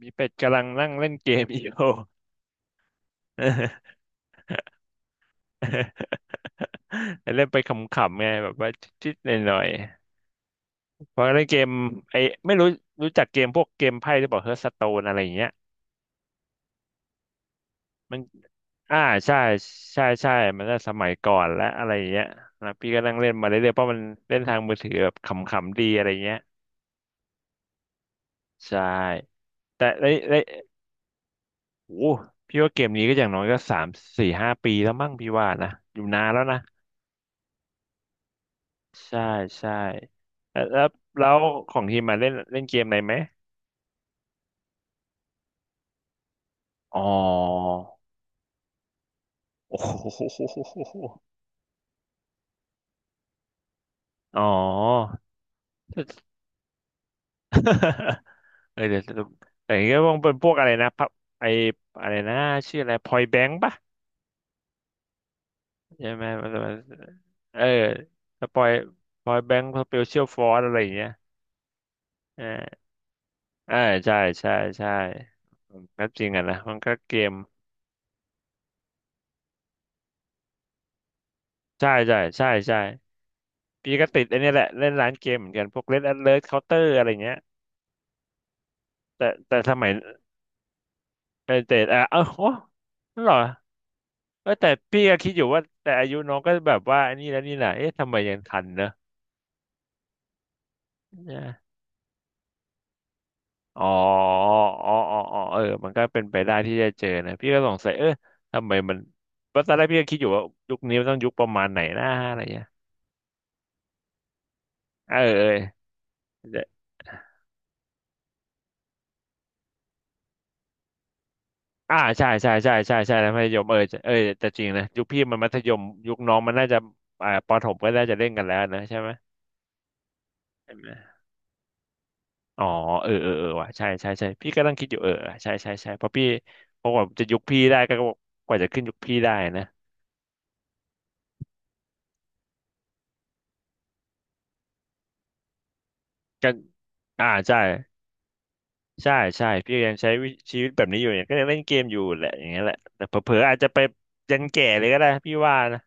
มีเป็ดกำลังนั่งเล่นเกมอยู่ เล่นไปขำๆไงแบบว่าชิดๆหน่อยๆเพราะเล่นเกมไอ้ไม่รู้รู้จักเกมพวกเกมไพ่หรือเปล่าเฮ r ร์ t สโตนอะไรอย่างเงี้ยมันอ่าใช่ใช่มันก็สมัยก่อนและอะไรอย่างเงี้ยนะพี่ก็นั่งเล่นมาเรื่อยๆเพราะมันเล่นทางมือถือแบบขำๆดีอะไรเงี้ยใช่แต่ได้ได้โอ้พี่ว่าเกมนี้ก็อย่างน้อยก็สามสี่ห้าปีแล้วมั้งพี่ว่านะอยู่นานแล้วนะ ใช่ใช่แล้วแล้วของทีมมาเล่นเล่นเกมอะไรไหมอ๋อโอ้โหอ๋อ เออเดี๋ยวแต่อย่างเงี้ยต้องเป็นพวกอะไรนะพับไออะไรนะชื่ออะไรพอยแบงค์ปะใช่ไหมมันจะมันเออถ้าพอยพอยแบงค์อเปเชียลฟอร์อะไรอย่างเงี้ยเออเออใช่ใช่ใช่ก็จริงอ่ะนะมันก็เกมใช่ใช่ใช่ใช่ พี่ก็ติดไอันนี้ยแหละเล่นร้านเกมเหมือนกันพวก Red Alert Counter อะไรเงี้ยแต่สมัยเออแต่อ่ะเออโอ้นั่นเหรอเออแต่พี่ก็คิดอยู่ว่าแต่อายุน้องก็แบบว่าอันนี้แล้วนี่แหละเอ๊ะทำไมยังทันเนอะเนี่ยอ๋ออ๋ออ๋อเออมันก็เป็นไปได้ที่จะเจอนะพี่ก็สงสัยเออทำไมมันเพราะตอนแรกพี่ก็คิดอยู่ว่ายุคนี้มันต้องยุคประมาณไหนนะอะไรเงี้ยเออเออ อ่าใช่ใช่แล้วมัธยมเออเออแต่จริงนะยุคพี่มันมัธยมยุคน้องมันน่าจะอ่าปฐมก็น่าจะเล่นกันแล้วนะใช่ไหมใช่ไหมอ๋อเออว่ะใช่ใช่พี่ก็นั่งคิดอยู่เออใช่ใช่เพราะพี่เพราะว่าจะยุคพี่ได้ก็กว่าจะขึ้นยุคพี่ได้นะกันอ่าใช่ใช่ใช่พี่ยังใช้วิชีวิตแบบนี้อยู่เนี่ยก็ยังเล่นเกมอยู่แหละอย่างเงี้ยแหละแต่เผลอๆอาจจะไปยันแก่เลยก็ได้พี่ว่านะ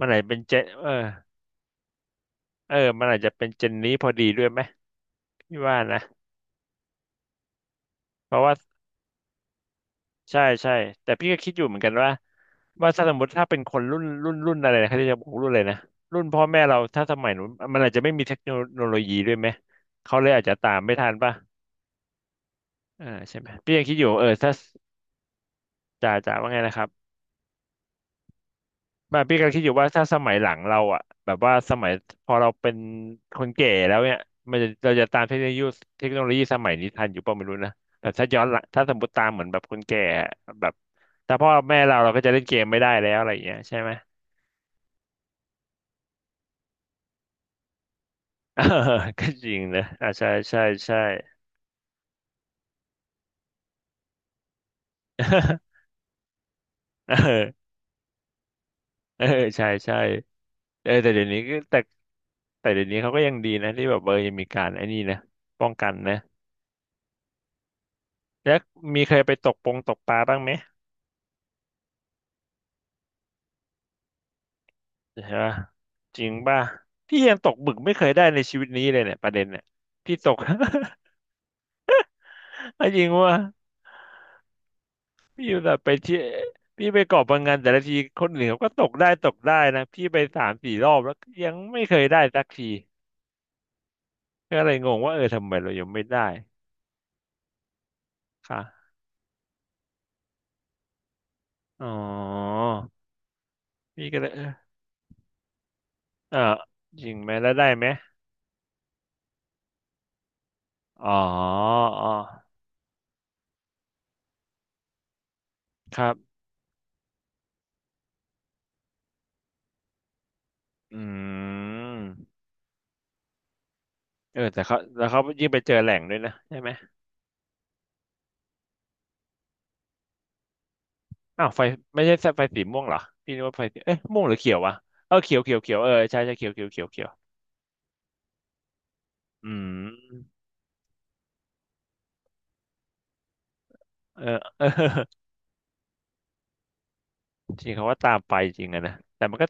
มันอาจจะเป็นเจนเออเออมันอาจจะเป็นเจนนี้พอดีด้วยไหมพี่ว่านะเพราะว่า ใช่ใช่แต่พี่ก็คิดอยู่เหมือนกันว่าถ้าสมมติถ้าเป็นคนรุ่นอะไรนะเขาจะบอกรุ่นอะไรนะรุ่นพ่อแม่เราถ้าสมัยนู้นมันอาจจะไม่มีเทคโนโลยีด้วยไหมเขาเลยอาจจะตามไม่ทันป่ะอ่าใช่ไหมพี่ยังคิดอยู่เออถ้าจ่าว่าไงนะครับมาพี่ก็คิดอยู่ว่าถ้าสมัยหลังเราอ่ะแบบว่าสมัยพอเราเป็นคนแก่แล้วเนี่ยมันจะเราจะตามเทคโนโลยีเทคโนโลยีสมัยนี้ทันอยู่ป่ะไม่รู้นะแต่ถ้าย้อนหลังถ้าสมมติตามเหมือนแบบคนแก่แบบถ้าพ่อแม่เราเราก็จะเล่นเกมไม่ได้แล้วอะไรอย่างเงี้ยใช่ไหม เออ ก็จริงนะอ่าใช่ใช่ เออเออใช่ใช่เออแต่เดี๋ยวนี้ก็แต่แต่เดี๋ยวนี้เขาก็ยังดีนะที่แบบเออยังมีการไอ้นี่นะป้องกันนะแล้วมีเคยไปตกปงตกปลาบ้างไหมใช่ปะจริงป่ะพี่ยังตกบึกไม่เคยได้ในชีวิตนี้เลยเนี่ยประเด็นเนี่ยพี่ตก เอาจริงว่าพี่อยู่แบบไปเที่ยวพี่ไปเกาะพะงันแต่ละทีคนอื่นเขาก็ตกได้ตกได้นะพี่ไปสามสี่รอบแล้วก็ยังไม่เคยได้สักทีก็เลยงงว่าเออทำไมเรายังไม่ได้ ค่ะอ๋อพี่ก็เลยเออเอ่อจริงไหมแล้วได้ไหมอ๋ออ๋อครับอืมเออแต่เขาแล้วเขายิ่งไปเจอแหล่งด้วยนะใช่ไหมอ้าวไฟไม่ใช่ไฟสีม่วงเหรอพี่นึกว่าไฟสีเอ๊ะม่วงหรือเขียววะเออเขียวเขียวเขียวเออใช่ใช่เขียวเขียวเขียวเขียวอืมเออเออ จริงเขาว่าตามไปจริงอะนะแต่มันก็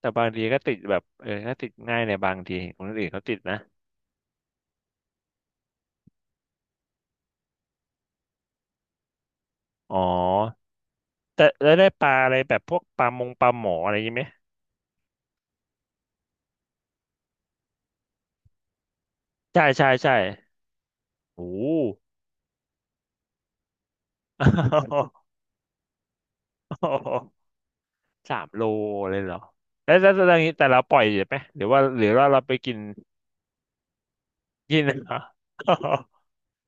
แต่บางทีก็ติดแบบเออก็ติดง่ายในบางทีคนอื่นเขาติดนะอ๋อแต่แล้วได้ปลาอะไรแบบพวกปลามงปลาหมออะไรอยังไหม ใช่ใช่โอ้มัสา มโลเลยเหรอแล้วอย่างนี้แต่เราปล่อยไหมหรือว่าเราไปกินกินเหรอ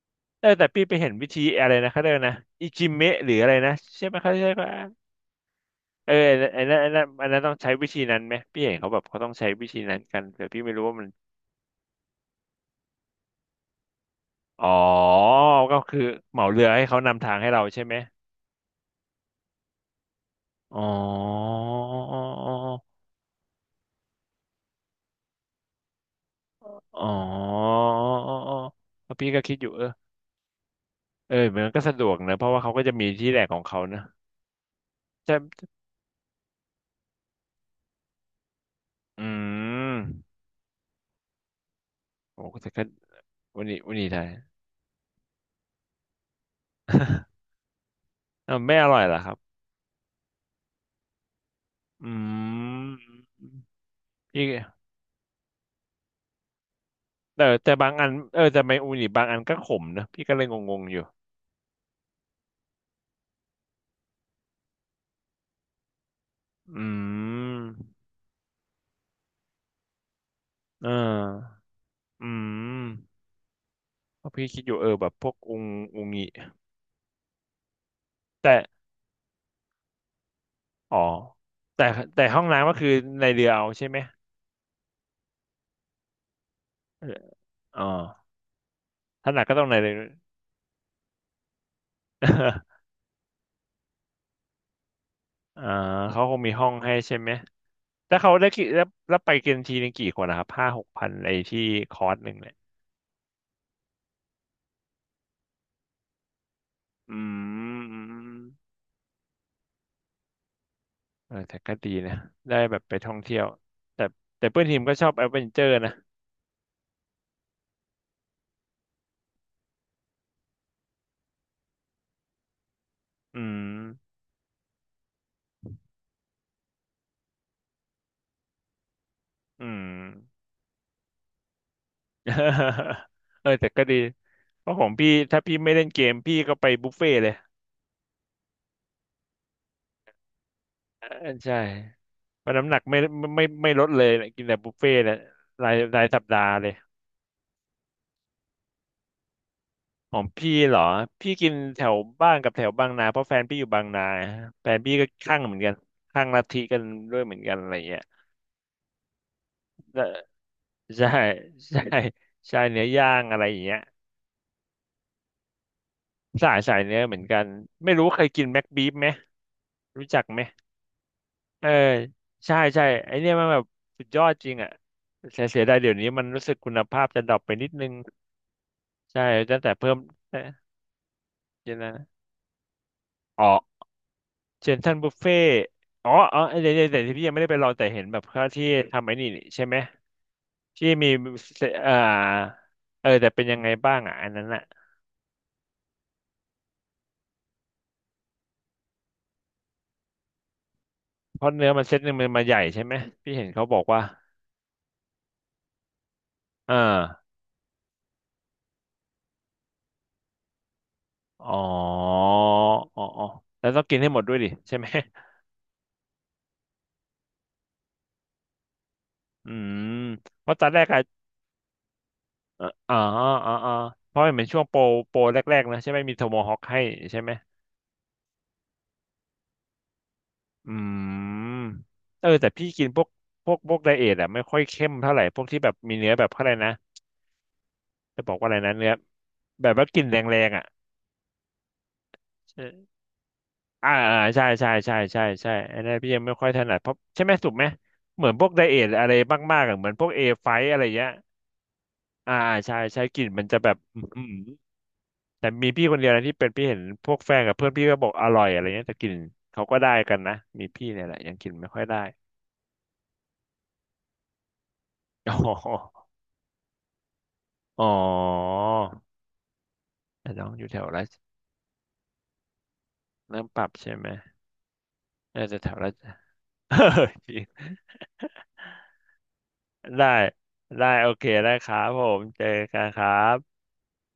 เออแต่พี่ไปเห็นวิธีอะไรนะเขาเรียกนะอิจิเมะหรืออะไรนะใช่ไหมเขาใช่ปะเออไอ้นั่นไอันนั้นต้องใช้วิธีนั้นไหมพี่เห็นเขาแบบเขาต้องใช้วิธีนั้นกันแต่พี่ไม่รู้ว่ามันอ๋อก็คือเหมาเรือให้เขานำทางให้เราใช่ไหมอ๋ออ๋ออ๋อพี่ก็คิดอยู่เออ เออมันก็สะดวกนะเพราะว่าเขาก็จะมีที่แหลกของเขานะจะอืมโอ้แต่ก็วันนี้ได้ อ้าวไม่อร่อยเหรอครับอืมพี่แต่บางอันเออแต่ไมอูนิบางอันก็ขมนะพี่ก็เลยงงๆอยู่อืมเอออืมเพราะพี่คิดอยู่เออแบบพวกอุงอุงิแต่อ๋อแต่แต่ห้องน้ำก็คือในเรือเอาใช่ไหมเอออ๋อถ้าหนักก็ต้องในเรือ อ่าเขาคงมีห้องให้ใช่ไหม แล้วเขาได้กี่แล้วแล้วไปกันทีนึงกี่คนนะครับห้าหกพันไอที่คอร์สหนึ่งเนี่ยอืมอืมอืมเออแต่ก็ดีนะ ได้แบบไปท่องเที่ยว แต่แต่เพื่อนทีมก็ชอบแอดเวนเจอร์นะ อืม อืม เออแต่ก็ดี เพราะของพี่ถ้าพี่ไม่เล่นเกมพี่ก็ไปบุฟเฟ่ต์เลยเออใช่เพราะน้ำหนักไม่ลดเลยนะกินแต่บุฟเฟ่ต์เลยรายสัปดาห์เลย ของพี่เหรอพี่กินแถวบ้านกับแถวบางนาเพราะแฟนพี่อยู่บางนาแฟนพี่ก็ข้างเหมือนกันข้างลัทธิกันด้วยเหมือนกันอะไรเงี้ยแล้วใช่ใช่ใช่เนื้อย่างอะไรอย่างเงี้ยสายเนื้อเหมือนกันไม่รู้เคยกินแม็กบีฟไหมรู้จักไหมเออใช่ใช่ไอเนี่ยมันแบบสุดยอดจริงอ่ะเสียดายเดี๋ยวนี้มันรู้สึกคุณภาพจะดรอปไปนิดนึงใช่ตั้งแต่เพิ่มเอ๊ะเดี๋ยวนะอ๋อ เซนทรัลบุฟเฟ่อ๋ออ๋อเดี๋ยวเดี๋ยวแต่พี่ยังไม่ได้ไปลองแต่เห็นแบบเขาที่ทำไอ้นี่นี่ใช่ไหมที่มีเอ่อเออแต่เป็นยังไงบ้างอ่ะอันนั้นอ่ะเพราะเนื้อมันเซตหนึ่งมันมาใหญ่ใช่ไหมพี่เห็นเขาบอกว่าเอออ๋ออ๋ออ๋อแล้วต้องกินให้หมดด้วยดิใช่ไหม อืมเพราะตอนแรกอะอ๋ออ๋ออ๋อเพราะมันเป็นช่วงโปรโปรแรกๆนะใช่ไหมมีโทโมฮอคให้ใช่ไหม อืมเออแต่พี่กินพวกพวกไดเอทอะไม่ค่อยเข้มเท่าไหร่พวกที่แบบมีเนื้อแบบเขาอะไรนะจะบอกว่าอะไรนะเนื้อแบบว่ากลิ่นแรงๆอะใช่อ่าอ่าใช่ใช่ใช่ใช่ใช่อันนั้นพี่ยังไม่ค่อยถนัดเพราะใช่ไหมถูกไหมเหมือนพวกไดเอทอะไรมากๆอะเหมือนพวกเอไฟอะไรเงี้ยอ่าอ่าใช่ใช่กลิ่นมันจะแบบอื้อหือแต่มีพี่คนเดียวนะที่เป็นพี่เห็นพวกแฟนกับเพื่อนพี่ก็บอกอร่อยอะไรเงี้ยแต่กลิ่นเขาก็ได้กันนะมีพี่เนี่ยแหละยังกินไม่ค่อยได้ อ๋ออ๋อ แต่ต้องอยู่แถวราชเริ่มปรับใช่ไหมน่าจะแถวราช จริง ได้ ได้ โอเคได้ครับผมเจอกันครับ